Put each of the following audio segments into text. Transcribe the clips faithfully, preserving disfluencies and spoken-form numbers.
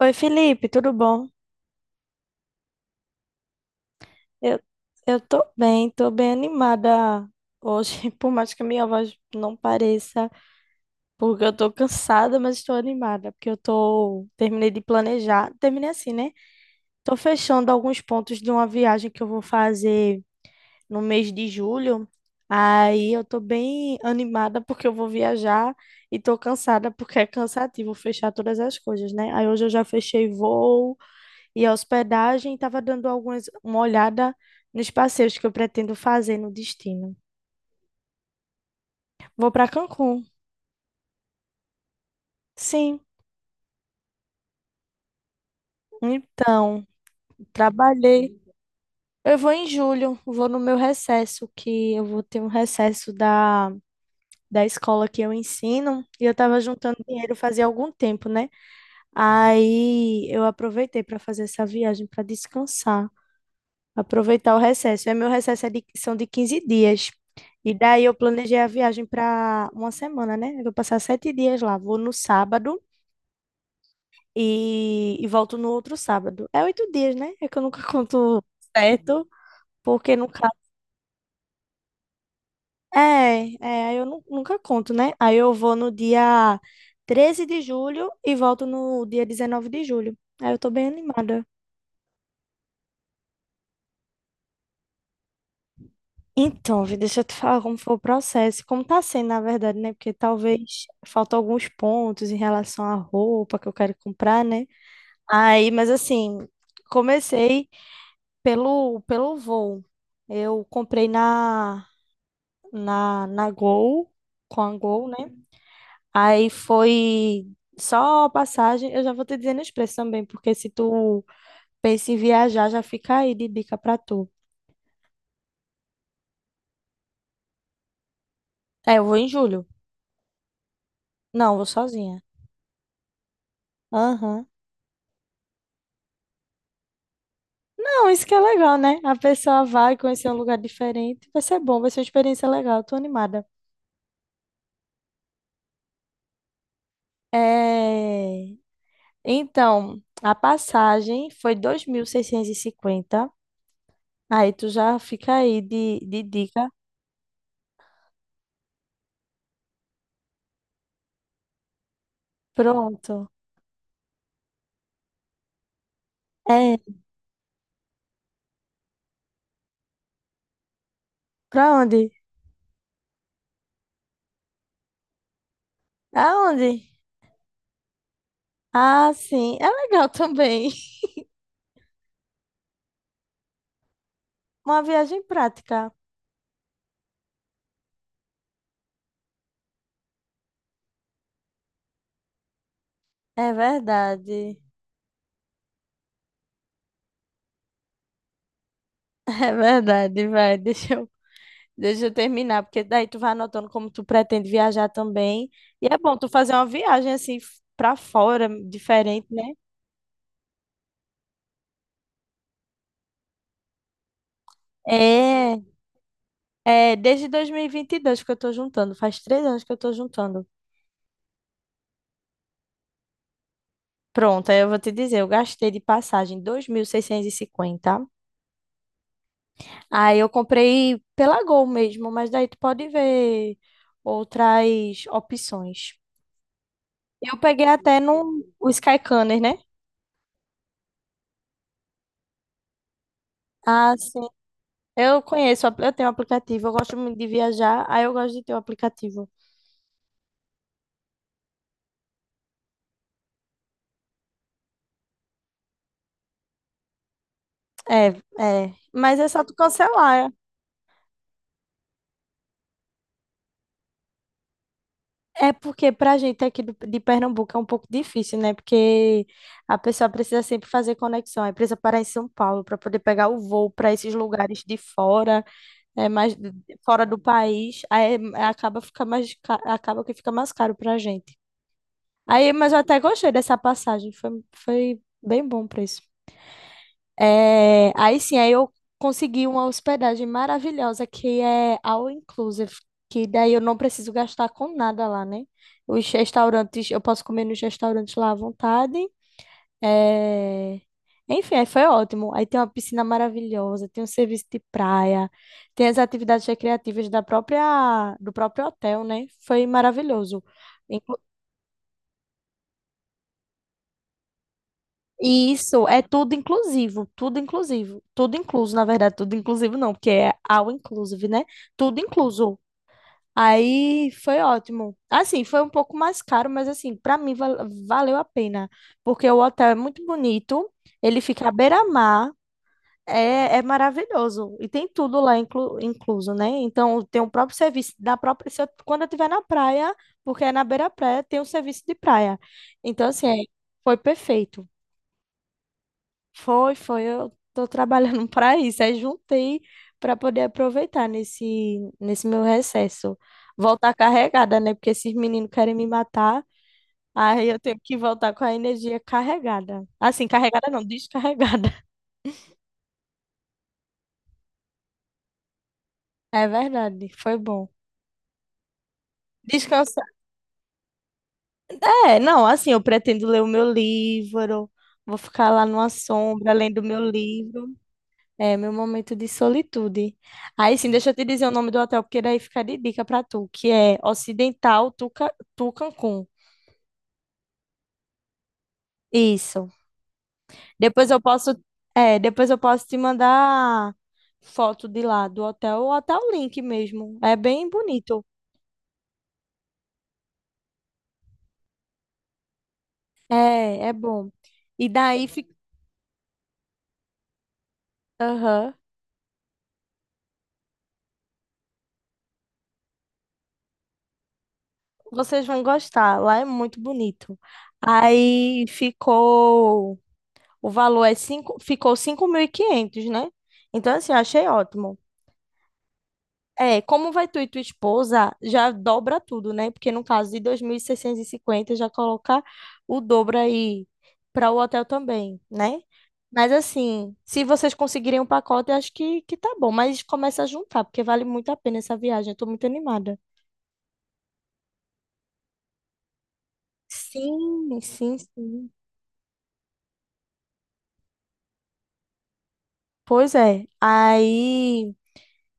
Oi, Felipe, tudo bom? Eu, eu tô bem, tô bem animada hoje, por mais que a minha voz não pareça, porque eu tô cansada, mas estou animada, porque eu tô, terminei de planejar, terminei assim, né? Tô fechando alguns pontos de uma viagem que eu vou fazer no mês de julho. Aí eu tô bem animada porque eu vou viajar e tô cansada porque é cansativo fechar todas as coisas, né? Aí hoje eu já fechei voo, e a hospedagem, estava dando algumas, uma olhada nos passeios que eu pretendo fazer no destino. Vou para Cancún. Sim, então, trabalhei. Eu vou em julho, vou no meu recesso, que eu vou ter um recesso da, da escola que eu ensino, e eu estava juntando dinheiro fazia algum tempo, né? Aí eu aproveitei para fazer essa viagem para descansar. Aproveitar o recesso. É, meu recesso é de- são de quinze dias. E daí eu planejei a viagem para uma semana, né? Eu vou passar sete dias lá. Vou no sábado e, e volto no outro sábado. É oito dias, né? É que eu nunca conto certo, porque nunca. É, é, aí eu nu- nunca conto, né? Aí eu vou no dia treze de julho e volto no dia dezenove de julho. Aí eu tô bem animada. Então, Vi, deixa eu te falar como foi o processo, como tá sendo, na verdade, né? Porque talvez faltam alguns pontos em relação à roupa que eu quero comprar, né? Aí, mas assim, comecei pelo, pelo voo. Eu comprei na, na, na Gol, com a Gol, né? Aí foi só a passagem. Eu já vou te dizendo os preços também, porque se tu pensa em viajar, já fica aí de dica pra tu. É, eu vou em julho. Não, vou sozinha. Aham. Não, isso que é legal, né? A pessoa vai conhecer um lugar diferente. Vai ser bom, vai ser uma experiência legal. Tô animada. É... Então, a passagem foi dois mil seiscentos e cinquenta. Aí tu já fica aí de, de dica. Pronto. É, pra onde? Aonde? Ah, sim. É legal também. Uma viagem prática. É verdade. É verdade, vai. Deixa eu Deixa eu terminar, porque daí tu vai anotando como tu pretende viajar também. E é bom tu fazer uma viagem assim f- pra fora, diferente, né? É, é desde dois mil e vinte e dois que eu tô juntando, faz três anos que eu tô juntando. Pronto, aí eu vou te dizer, eu gastei de passagem dois mil seiscentos e cinquenta. Aí eu comprei pela Gol mesmo, mas daí tu pode ver outras opções. Eu peguei até no o Skyscanner, né? Ah, sim. Eu conheço, o apl- eu tenho um aplicativo, eu gosto muito de viajar, aí eu gosto de ter o aplicativo. É, é. Mas é só tu cancelar. É porque pra gente aqui do- de Pernambuco é um pouco difícil, né? Porque a pessoa precisa sempre fazer conexão, aí precisa parar em São Paulo para poder pegar o voo para esses lugares de fora, é mais de- de- fora do país, aí é- acaba fica mais ca- acaba que fica mais caro pra gente. Aí, mas eu até gostei dessa passagem, foi, foi bem bom o preço. É, aí sim, aí eu consegui uma hospedagem maravilhosa que é all inclusive, que daí eu não preciso gastar com nada lá, né? Os restaurantes, eu posso comer nos restaurantes lá à vontade. É, enfim, aí foi ótimo. Aí tem uma piscina maravilhosa, tem um serviço de praia, tem as atividades recreativas da própria, do próprio hotel, né? Foi maravilhoso. E isso é tudo inclusivo, tudo inclusivo, tudo incluso, na verdade, tudo inclusivo não, porque é all inclusive, né? Tudo incluso. Aí foi ótimo. Assim, foi um pouco mais caro, mas assim, para mim val- valeu a pena, porque o hotel é muito bonito, ele fica à beira-mar, é, é maravilhoso e tem tudo lá inclu, incluso, né? Então tem o próprio serviço da própria, se eu- quando eu estiver na praia, porque é na beira-praia, tem o serviço de praia. Então assim, é, foi perfeito. Foi, foi. Eu tô trabalhando para isso. Aí juntei para poder aproveitar nesse, nesse meu recesso. Voltar carregada, né? Porque esses meninos querem me matar. Aí eu tenho que voltar com a energia carregada. Assim, carregada não, descarregada. É verdade, foi bom. Descansar. É, não, assim, eu pretendo ler o meu livro. Vou ficar lá numa sombra lendo o meu livro. É, meu momento de solitude. Aí sim, deixa eu te dizer o nome do hotel, porque daí fica de dica pra tu, que é Ocidental Tuca, Tu Cancún. Isso. Depois eu posso, é, depois eu posso te mandar foto de lá do hotel, ou até o link mesmo. É bem bonito. É, é bom. E daí fica, aham, vocês vão gostar. Lá é muito bonito. Aí ficou, o valor é cinco, ficou cinco mil e quinhentos, né? Então assim, eu achei ótimo. É, como vai tu e tua esposa, já dobra tudo, né? Porque no caso de dois mil seiscentos e cinquenta, já coloca o dobro aí para o hotel também, né? Mas assim, se vocês conseguirem um pacote, eu acho que, que tá bom. Mas começa a juntar, porque vale muito a pena essa viagem. Eu tô muito animada. Sim, sim, sim. Pois é. Aí.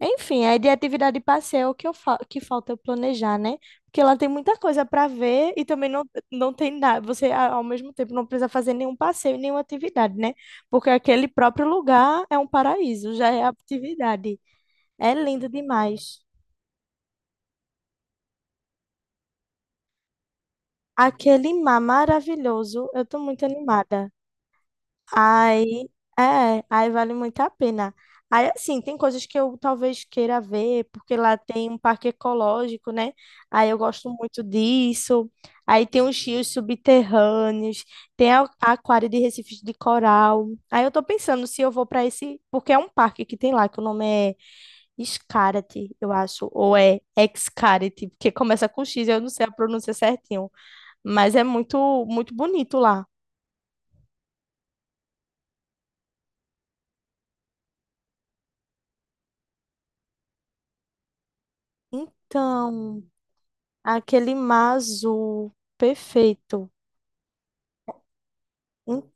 Enfim, aí de atividade de passeio que eu fa- que falta eu planejar, né? Porque lá tem muita coisa para ver e também não, não tem nada. Você, a- ao mesmo tempo, não precisa fazer nenhum passeio e nenhuma atividade, né? Porque aquele próprio lugar é um paraíso, já é atividade. É lindo demais. Aquele mar maravilhoso, eu tô muito animada. Aí, é, aí vale muito a pena. Aí, assim, tem coisas que eu talvez queira ver, porque lá tem um parque ecológico, né? Aí eu gosto muito disso. Aí tem os rios subterrâneos, tem a a aquário de recifes de coral. Aí eu tô pensando se eu vou para esse, porque é um parque que tem lá, que o nome é Xcaret, eu acho, ou é Xcaret, porque começa com X, eu não sei a pronúncia certinho, mas é muito, muito bonito lá. Então, aquele mar azul. Perfeito. En-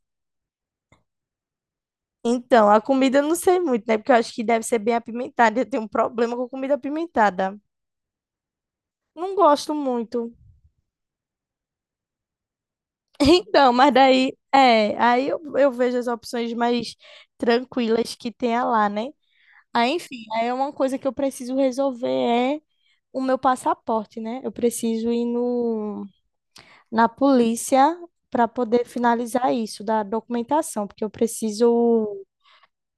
Então, a comida eu não sei muito, né? Porque eu acho que deve ser bem apimentada. Eu tenho um problema com comida apimentada. Não gosto muito. Então, mas daí, é, aí eu, eu vejo as opções mais tranquilas que tenha lá, né? Aí, enfim, aí é uma coisa que eu preciso resolver é o meu passaporte, né? Eu preciso ir no, na polícia para poder finalizar isso da documentação, porque eu preciso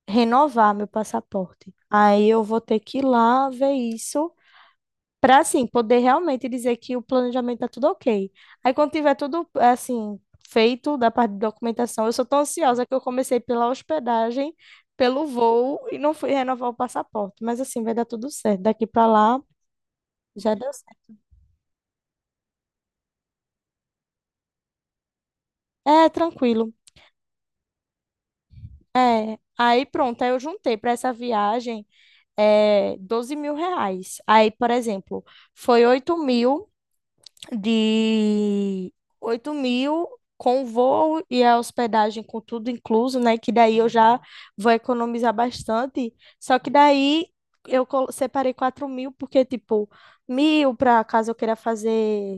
renovar meu passaporte. Aí eu vou ter que ir lá ver isso para assim poder realmente dizer que o planejamento tá tudo ok. Aí quando tiver tudo assim feito da parte de documentação, eu sou tão ansiosa que eu comecei pela hospedagem, pelo voo e não fui renovar o passaporte, mas assim vai dar tudo certo. Daqui para lá já deu certo. É, tranquilo. É, aí pronto, aí eu juntei para essa viagem é, doze mil reais. Aí, por exemplo, foi oito mil de oito mil com voo e a hospedagem com tudo incluso, né? Que daí eu já vou economizar bastante. Só que daí eu colo- separei quatro mil, porque, tipo, mil para caso eu queira fazer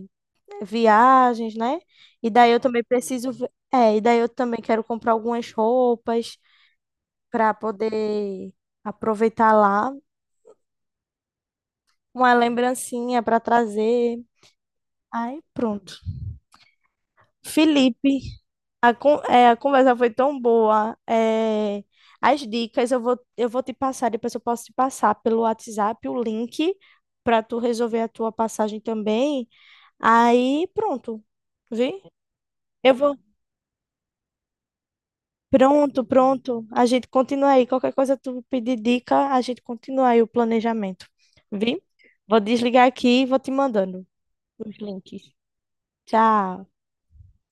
né, viagens, né? E daí eu também preciso. ver- É, e daí eu também quero comprar algumas roupas para poder aproveitar lá. Uma lembrancinha para trazer. Aí, pronto. Felipe. A, con- é, a conversa foi tão boa. É, as dicas eu vou, eu vou te passar, depois eu posso te passar pelo WhatsApp o link para tu resolver a tua passagem também. Aí pronto, Vi? Eu vou. Pronto, pronto. A gente continua aí. Qualquer coisa tu pedir dica, a gente continua aí o planejamento. Vi? Vou desligar aqui e vou te mandando os links. Tchau.